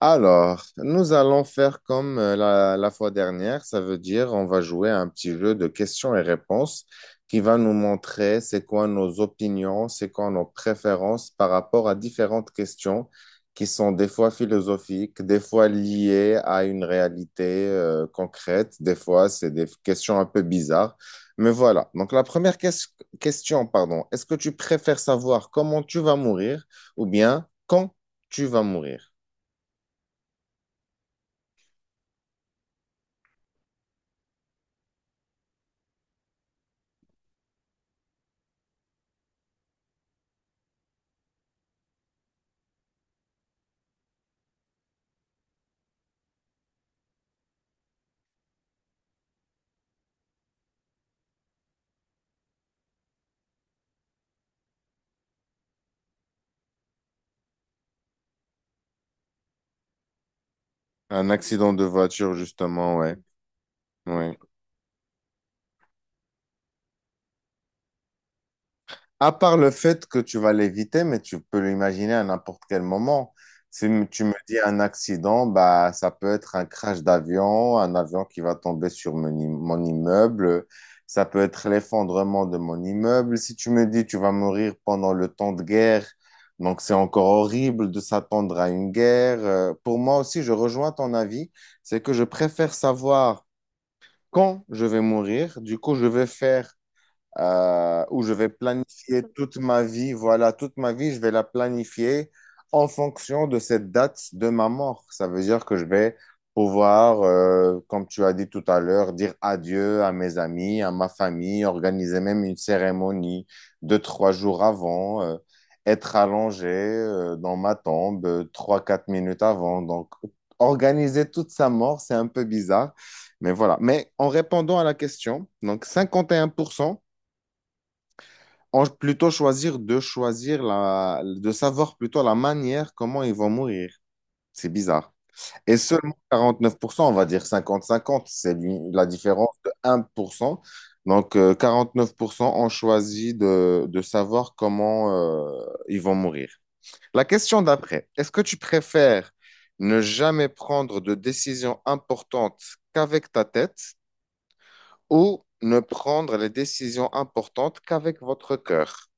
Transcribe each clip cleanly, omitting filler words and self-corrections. Alors, nous allons faire comme la fois dernière, ça veut dire on va jouer à un petit jeu de questions et réponses qui va nous montrer c'est quoi nos opinions, c'est quoi nos préférences par rapport à différentes questions qui sont des fois philosophiques, des fois liées à une réalité concrète, des fois c'est des questions un peu bizarres. Mais voilà, donc la première question, pardon, est-ce que tu préfères savoir comment tu vas mourir ou bien quand tu vas mourir? Un accident de voiture, justement, ouais. Ouais. À part le fait que tu vas l'éviter, mais tu peux l'imaginer à n'importe quel moment. Si m- Tu me dis un accident, bah, ça peut être un crash d'avion, un avion qui va tomber sur mon immeuble, ça peut être l'effondrement de mon immeuble. Si tu me dis tu vas mourir pendant le temps de guerre, donc c'est encore horrible de s'attendre à une guerre. Pour moi aussi, je rejoins ton avis, c'est que je préfère savoir quand je vais mourir. Du coup, je vais faire où je vais planifier toute ma vie. Voilà, toute ma vie, je vais la planifier en fonction de cette date de ma mort. Ça veut dire que je vais pouvoir, comme tu as dit tout à l'heure, dire adieu à mes amis, à ma famille, organiser même une cérémonie deux, trois jours avant, être allongé, dans ma tombe trois, quatre minutes avant. Donc, organiser toute sa mort, c'est un peu bizarre. Mais voilà. Mais en répondant à la question, donc 51% on plutôt choisir de choisir de savoir plutôt la manière comment ils vont mourir. C'est bizarre. Et seulement 49%, on va dire 50-50, c'est la différence de 1%. Donc 49% ont choisi de savoir comment ils vont mourir. La question d'après, est-ce que tu préfères ne jamais prendre de décisions importantes qu'avec ta tête ou ne prendre les décisions importantes qu'avec votre cœur?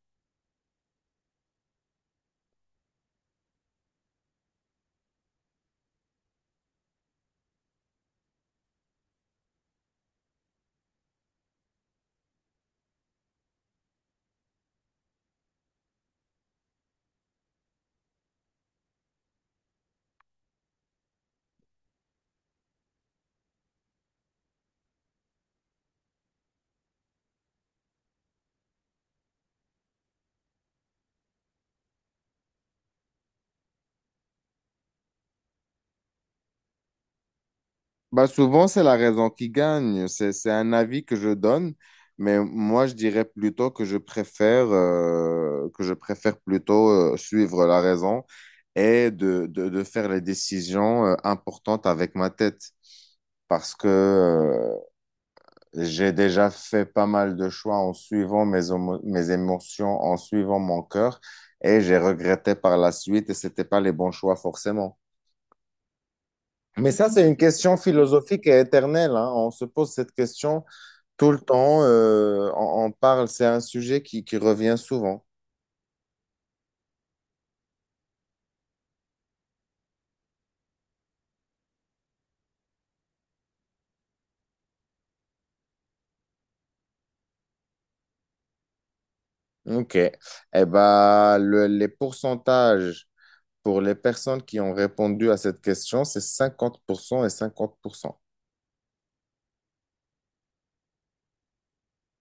Bah souvent, c'est la raison qui gagne. C'est un avis que je donne, mais moi, je dirais plutôt que je préfère plutôt suivre la raison et de faire les décisions importantes avec ma tête. Parce que j'ai déjà fait pas mal de choix en suivant mes émotions, en suivant mon cœur, et j'ai regretté par la suite, et c'était pas les bons choix forcément. Mais ça, c'est une question philosophique et éternelle, hein. On se pose cette question tout le temps, on parle, c'est un sujet qui revient souvent. OK. Eh ben, les pourcentages pour les personnes qui ont répondu à cette question, c'est 50% et 50%.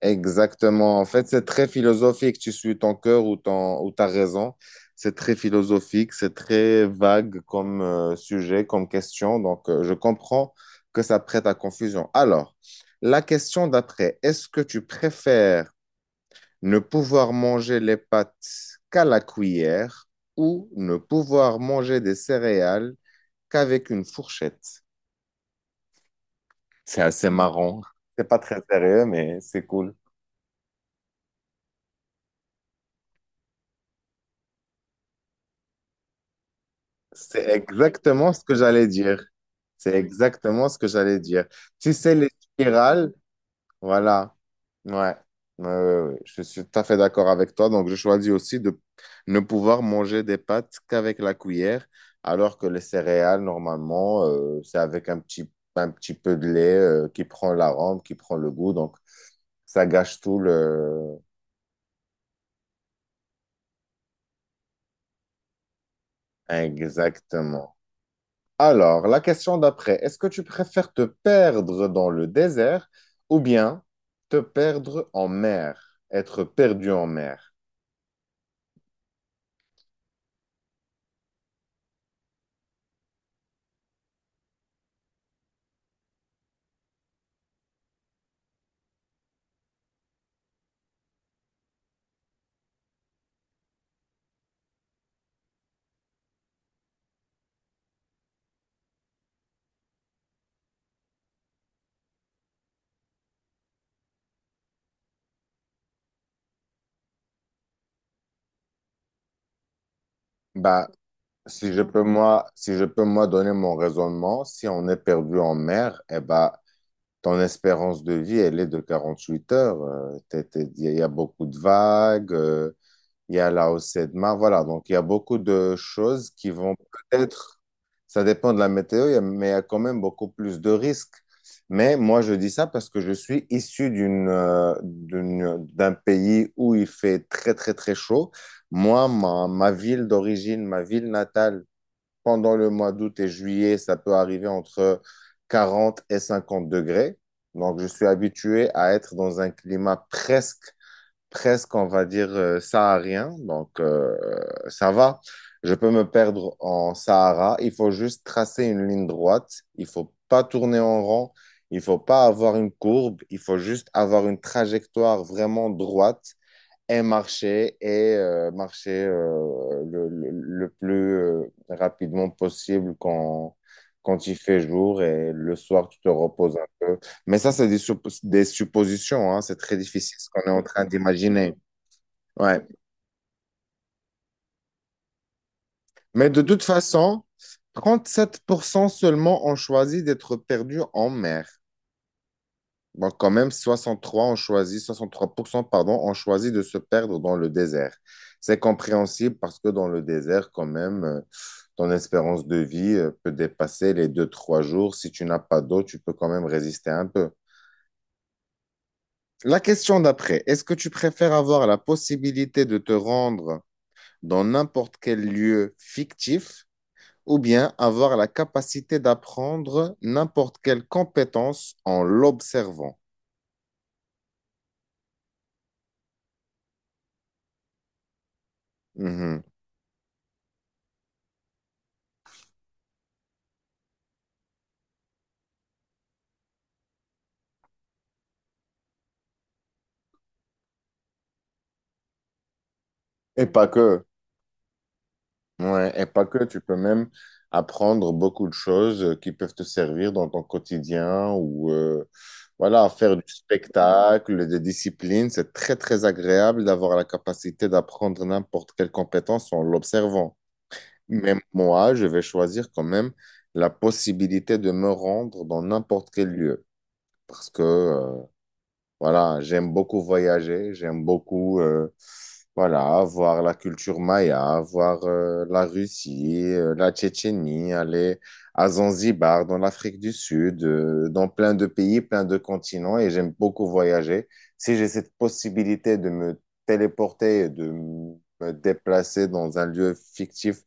Exactement. En fait, c'est très philosophique. Tu suis ton cœur ou ta raison. C'est très philosophique, c'est très vague comme sujet, comme question. Donc, je comprends que ça prête à confusion. Alors, la question d'après, est-ce que tu préfères ne pouvoir manger les pâtes qu'à la cuillère ou ne pouvoir manger des céréales qu'avec une fourchette. C'est assez marrant. C'est pas très sérieux, mais c'est cool. C'est exactement ce que j'allais dire. C'est exactement ce que j'allais dire. Tu sais, les spirales. Voilà. Ouais. Ouais, ouais, ouais. Je suis tout à fait d'accord avec toi. Donc, je choisis aussi de ne pouvoir manger des pâtes qu'avec la cuillère, alors que les céréales, normalement, c'est avec un petit peu de lait qui prend l'arôme, qui prend le goût. Donc, ça gâche tout le. Exactement. Alors, la question d'après, est-ce que tu préfères te perdre dans le désert ou bien te perdre en mer, être perdu en mer? Bah, si je peux moi donner mon raisonnement, si on est perdu en mer, eh bah, ton espérance de vie, elle est de 48 heures. Il y a beaucoup de vagues, il y a la hausse de mar Voilà, donc il y a beaucoup de choses qui vont peut-être, ça dépend de la météo, mais il y a quand même beaucoup plus de risques. Mais moi, je dis ça parce que je suis issu d'un pays où il fait très, très, très chaud. Moi, ma ville d'origine, ma ville natale, pendant le mois d'août et juillet, ça peut arriver entre 40 et 50 degrés. Donc, je suis habitué à être dans un climat presque, on va dire, saharien. Donc, ça va. Je peux me perdre en Sahara. Il faut juste tracer une ligne droite. Il faut pas tourner en rond. Il faut pas avoir une courbe. Il faut juste avoir une trajectoire vraiment droite et marcher le plus rapidement possible quand il fait jour et le soir, tu te reposes un peu. Mais ça, c'est des suppositions, hein, c'est très difficile ce qu'on est en train d'imaginer. Ouais. Mais de toute façon, 37% seulement ont choisi d'être perdus en mer. Bon, quand même, 63 ont choisi, 63%, pardon, ont choisi de se perdre dans le désert. C'est compréhensible parce que dans le désert, quand même, ton espérance de vie peut dépasser les deux trois jours. Si tu n'as pas d'eau, tu peux quand même résister un peu. La question d'après, est-ce que tu préfères avoir la possibilité de te rendre dans n'importe quel lieu fictif ou bien avoir la capacité d'apprendre n'importe quelle compétence en l'observant? Mhm. Et pas que. Ouais, et pas que, tu peux même apprendre beaucoup de choses qui peuvent te servir dans ton quotidien ou voilà, faire du spectacle, des disciplines. C'est très, très agréable d'avoir la capacité d'apprendre n'importe quelle compétence en l'observant. Mais moi, je vais choisir quand même la possibilité de me rendre dans n'importe quel lieu parce que voilà, j'aime beaucoup voyager, j'aime beaucoup voilà, voir la culture maya, voir la Russie, la Tchétchénie, aller à Zanzibar, dans l'Afrique du Sud, dans plein de pays, plein de continents, et j'aime beaucoup voyager. Si j'ai cette possibilité de me téléporter, et de me déplacer dans un lieu fictif,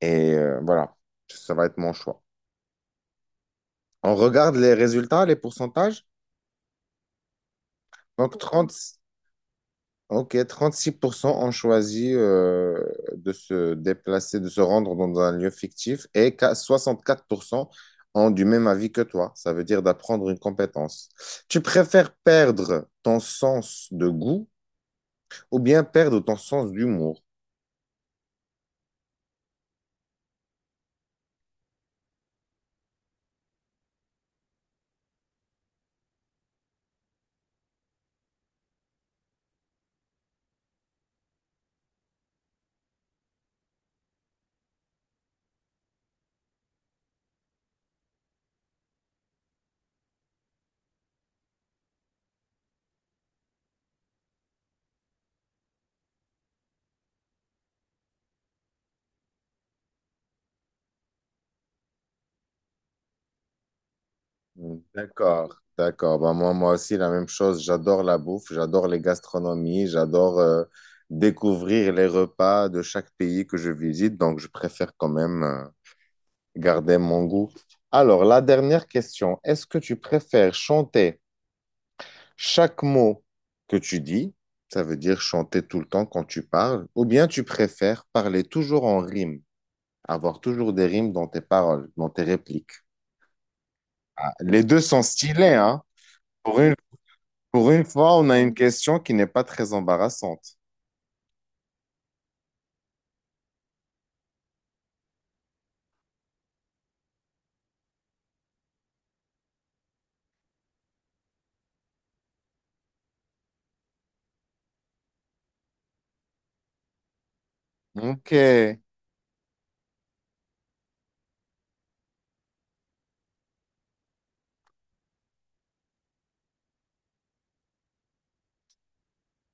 et voilà, ça va être mon choix. On regarde les résultats, les pourcentages. Donc 30. Ok, 36% ont choisi de se déplacer, de se rendre dans un lieu fictif et qu'à 64% ont du même avis que toi. Ça veut dire d'apprendre une compétence. Tu préfères perdre ton sens de goût ou bien perdre ton sens d'humour? Hmm, d'accord, d'accord. Bah, moi aussi, la même chose. J'adore la bouffe, j'adore les gastronomies, j'adore découvrir les repas de chaque pays que je visite. Donc, je préfère quand même garder mon goût. Alors, la dernière question, est-ce que tu préfères chanter chaque mot que tu dis, ça veut dire chanter tout le temps quand tu parles, ou bien tu préfères parler toujours en rime, avoir toujours des rimes dans tes paroles, dans tes répliques? Ah, les deux sont stylés, hein? Pour une, pour une fois, on a une question qui n'est pas très embarrassante. Ok,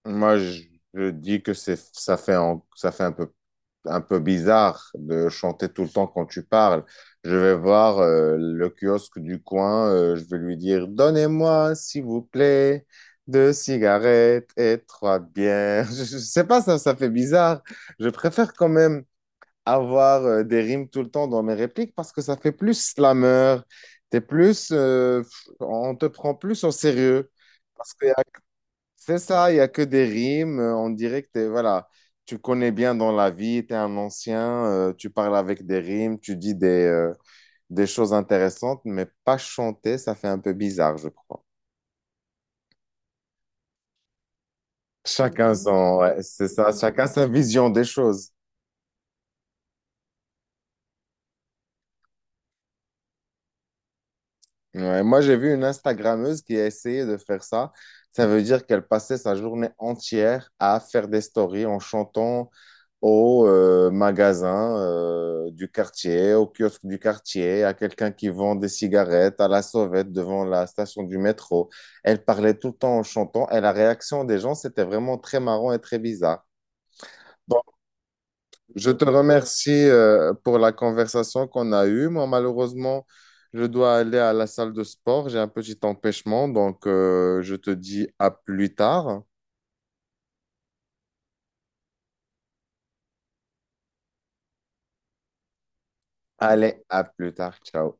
moi je dis que c'est, ça fait, un- ça fait un peu bizarre de chanter tout le temps quand tu parles. Je vais voir le kiosque du coin, je vais lui dire, Donnez-moi, s'il vous plaît, deux cigarettes et trois bières. Je sais pas, ça fait bizarre. Je préfère quand même avoir des rimes tout le temps dans mes répliques parce que ça fait plus slammer. T'es plus, on te prend plus au sérieux. Parce que c'est ça, il n'y a que des rimes. On dirait que voilà, tu connais bien dans la vie, tu es un ancien, tu parles avec des rimes, tu dis des choses intéressantes, mais pas chanter, ça fait un peu bizarre, je crois. Chacun son, ouais, c'est ça, chacun sa vision des choses. Ouais, moi, j'ai vu une Instagrammeuse qui a essayé de faire ça. Ça veut dire qu'elle passait sa journée entière à faire des stories en chantant au magasin du quartier, au kiosque du quartier, à quelqu'un qui vend des cigarettes, à la sauvette devant la station du métro. Elle parlait tout le temps en chantant et la réaction des gens, c'était vraiment très marrant et très bizarre. Bon, je te remercie pour la conversation qu'on a eue. Moi, malheureusement, je dois aller à la salle de sport. J'ai un petit empêchement, donc je te dis à plus tard. Allez, à plus tard. Ciao.